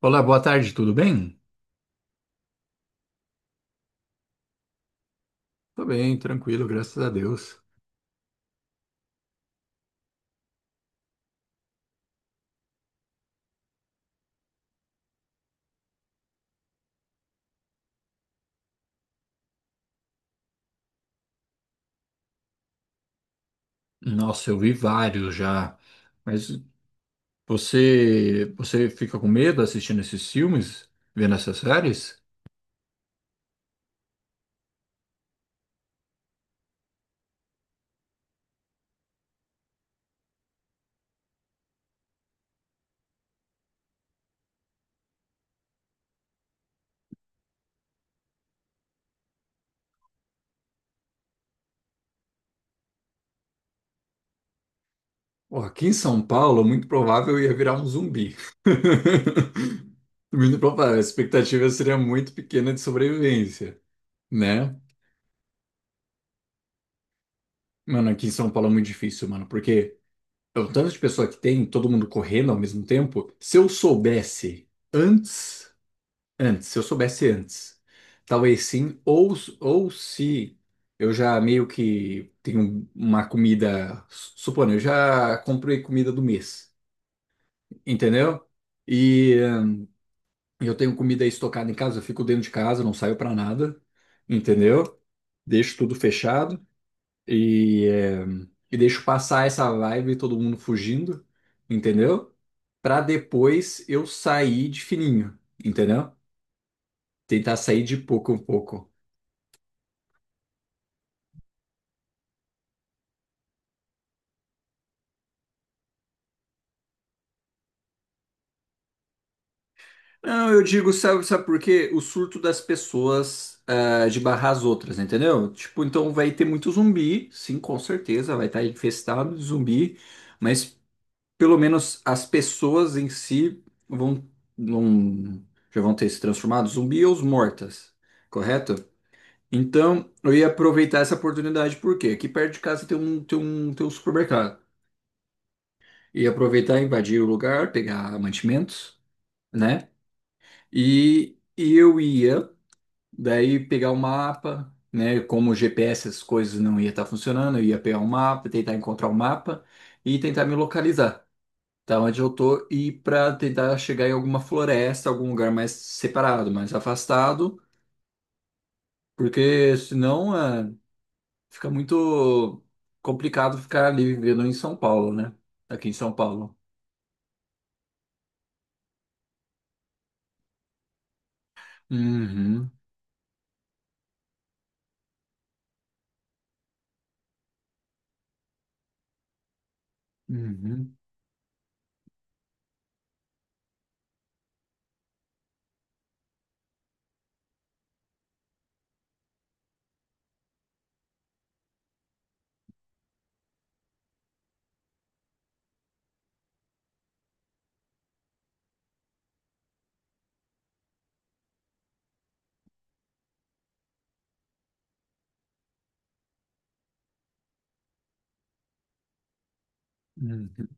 Olá, boa tarde, tudo bem? Tô bem, tranquilo, graças a Deus. Nossa, eu vi vários já. Mas você fica com medo assistindo esses filmes, vendo essas séries? Ó, aqui em São Paulo, muito provável eu ia virar um zumbi. Muito provável, a expectativa seria muito pequena de sobrevivência, né? Mano, aqui em São Paulo é muito difícil, mano, porque é o tanto de pessoa que tem, todo mundo correndo ao mesmo tempo. Se eu soubesse antes. Antes, se eu soubesse antes, talvez sim, ou, ou se eu já meio que tenho uma comida, supondo, eu já comprei comida do mês, entendeu? E eu tenho comida estocada em casa, eu fico dentro de casa, não saio pra nada, entendeu? Deixo tudo fechado e, e deixo passar essa vibe, todo mundo fugindo, entendeu? Pra depois eu sair de fininho, entendeu? Tentar sair de pouco em pouco. Não, eu digo, sabe, sabe por quê? O surto das pessoas ah, de barrar as outras, entendeu? Tipo, então vai ter muito zumbi, sim, com certeza, vai estar infestado de zumbi, mas pelo menos as pessoas em si vão, não, já vão ter se transformado zumbi ou os mortas, correto? Então, eu ia aproveitar essa oportunidade, porque quê? Aqui perto de casa tem um supermercado. Ia aproveitar, invadir o lugar, pegar mantimentos, né? E eu ia. Daí pegar o mapa, né? Como o GPS as coisas não ia estar funcionando, eu ia pegar o mapa, tentar encontrar o mapa e tentar me localizar, tá? Onde eu tô e para tentar chegar em alguma floresta, algum lugar mais separado, mais afastado, porque senão é, fica muito complicado ficar ali vivendo em São Paulo, né? Aqui em São Paulo. Uhum, uhum, uhum,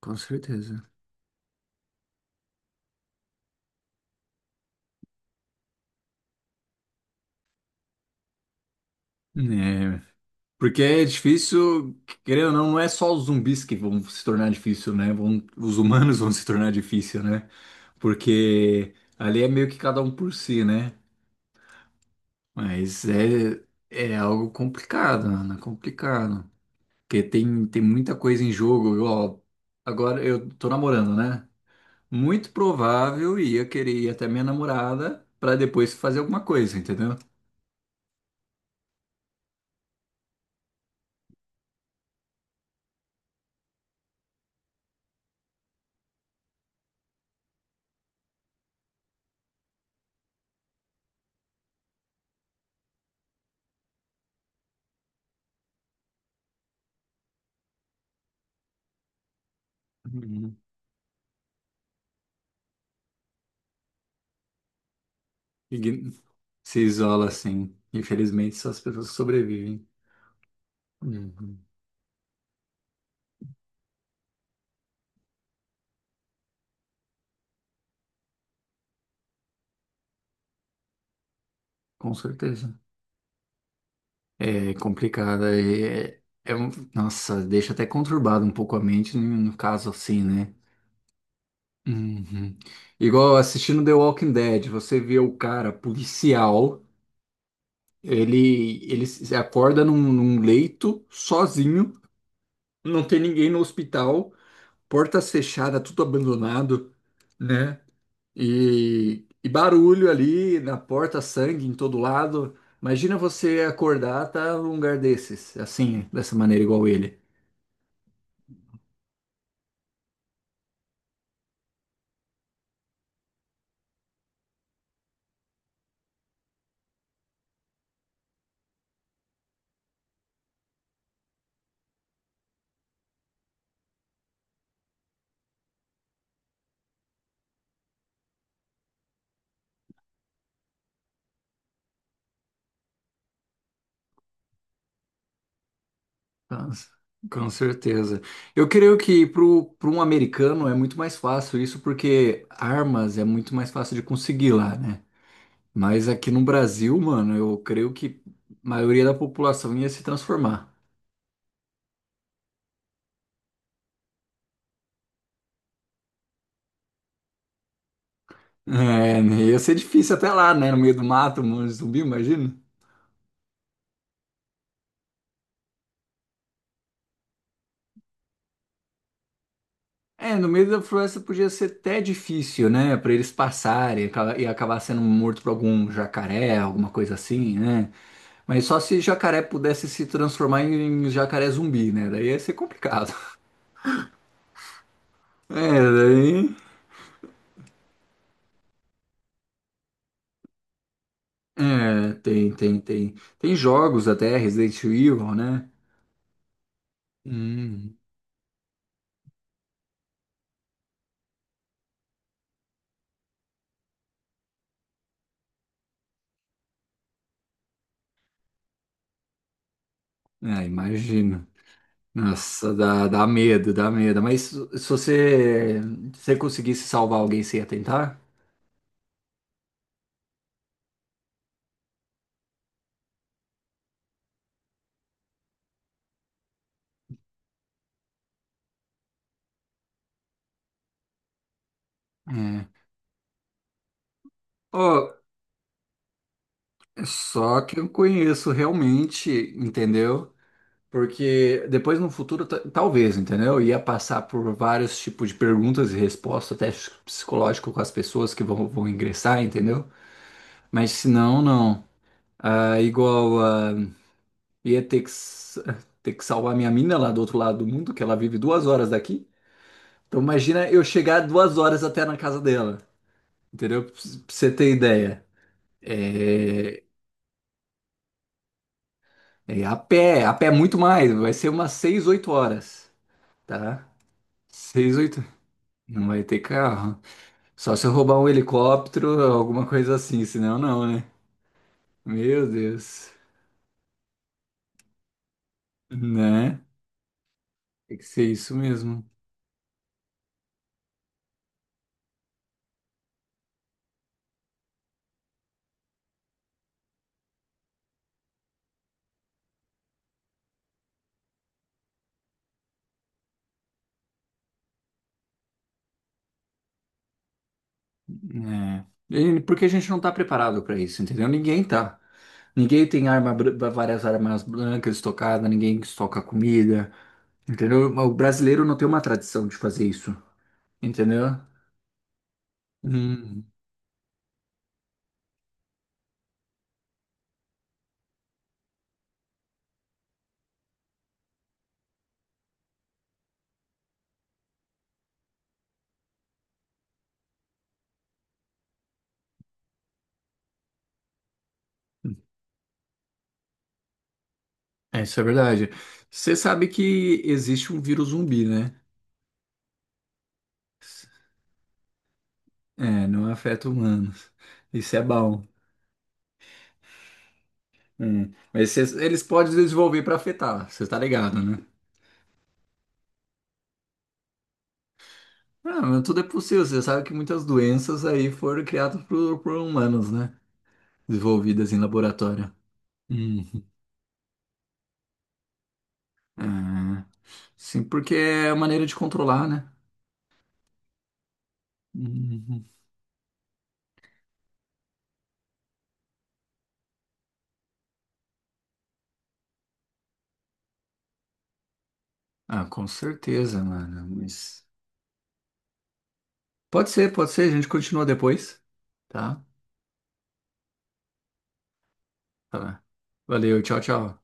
com certeza. É. Porque é difícil, querendo ou não, não é só os zumbis que vão se tornar difícil, né? Vão, os humanos vão se tornar difícil, né? Porque ali é meio que cada um por si, né? Mas é algo complicado, mano, é complicado. Porque tem muita coisa em jogo. Ó, agora eu tô namorando, né? Muito provável ia querer ir até minha namorada pra depois fazer alguma coisa, entendeu? Uhum. Ign- Se isola assim. Infelizmente, só as pessoas que sobrevivem. Uhum. Com certeza. É complicada. É, nossa, deixa até conturbado um pouco a mente no, no caso assim, né? Uhum. Igual assistindo The Walking Dead, você vê o cara policial, ele se acorda num, num leito, sozinho, não tem ninguém no hospital, portas fechadas, tudo abandonado, né? E barulho ali na porta, sangue em todo lado. Imagina você acordar, tá num lugar desses, assim, dessa maneira, igual ele. Tá? Com certeza. Eu creio que para um americano é muito mais fácil isso, porque armas é muito mais fácil de conseguir lá, né? Mas aqui no Brasil, mano, eu creio que a maioria da população ia se transformar. É, né? Ia ser difícil até lá, né? No meio do mato, um monte de zumbi, imagina. É, no meio da floresta podia ser até difícil, né? Pra eles passarem e e acabar sendo morto por algum jacaré, alguma coisa assim, né? Mas só se jacaré pudesse se transformar em jacaré zumbi, né? Daí ia ser complicado. É, daí. É, tem. Tem jogos até, Resident Evil, né? Hum, é, imagino. Nossa, dá medo, dá medo. Mas se você conseguisse salvar alguém, você ia tentar? É. Ô, é só que eu conheço realmente, entendeu? Porque depois no futuro, talvez, entendeu? Ia passar por vários tipos de perguntas e respostas, teste psicológico com as pessoas que vão ingressar, entendeu? Mas se não, não. Ah, igual, ah, ia ter que, ter que salvar minha mina lá do outro lado do mundo, que ela vive duas horas daqui. Então imagina eu chegar duas horas até na casa dela, entendeu? Pra você ter ideia. É, é a pé muito mais, vai ser umas 6 8 horas, tá? 6 8 Não vai ter carro. Só se eu roubar um helicóptero, alguma coisa assim, senão não, né? Meu Deus, né? Tem que ser isso mesmo. Né? Porque a gente não tá preparado para isso, entendeu? Ninguém tá. Ninguém tem arma, várias armas brancas estocadas, ninguém estoca comida, entendeu? O brasileiro não tem uma tradição de fazer isso, entendeu? Hum, É, isso é verdade. Você sabe que existe um vírus zumbi, né? É, não afeta humanos. Isso é bom. Hum. Mas eles podem desenvolver para afetar, você tá ligado, né? Ah, mas tudo é possível. Você sabe que muitas doenças aí foram criadas por humanos, né? Desenvolvidas em laboratório. Uhum. Ah, sim, porque é a maneira de controlar, né? Uhum. Ah, com certeza, mano. Mas... Pode ser, pode ser. A gente continua depois, tá? Tá. Valeu, tchau, tchau.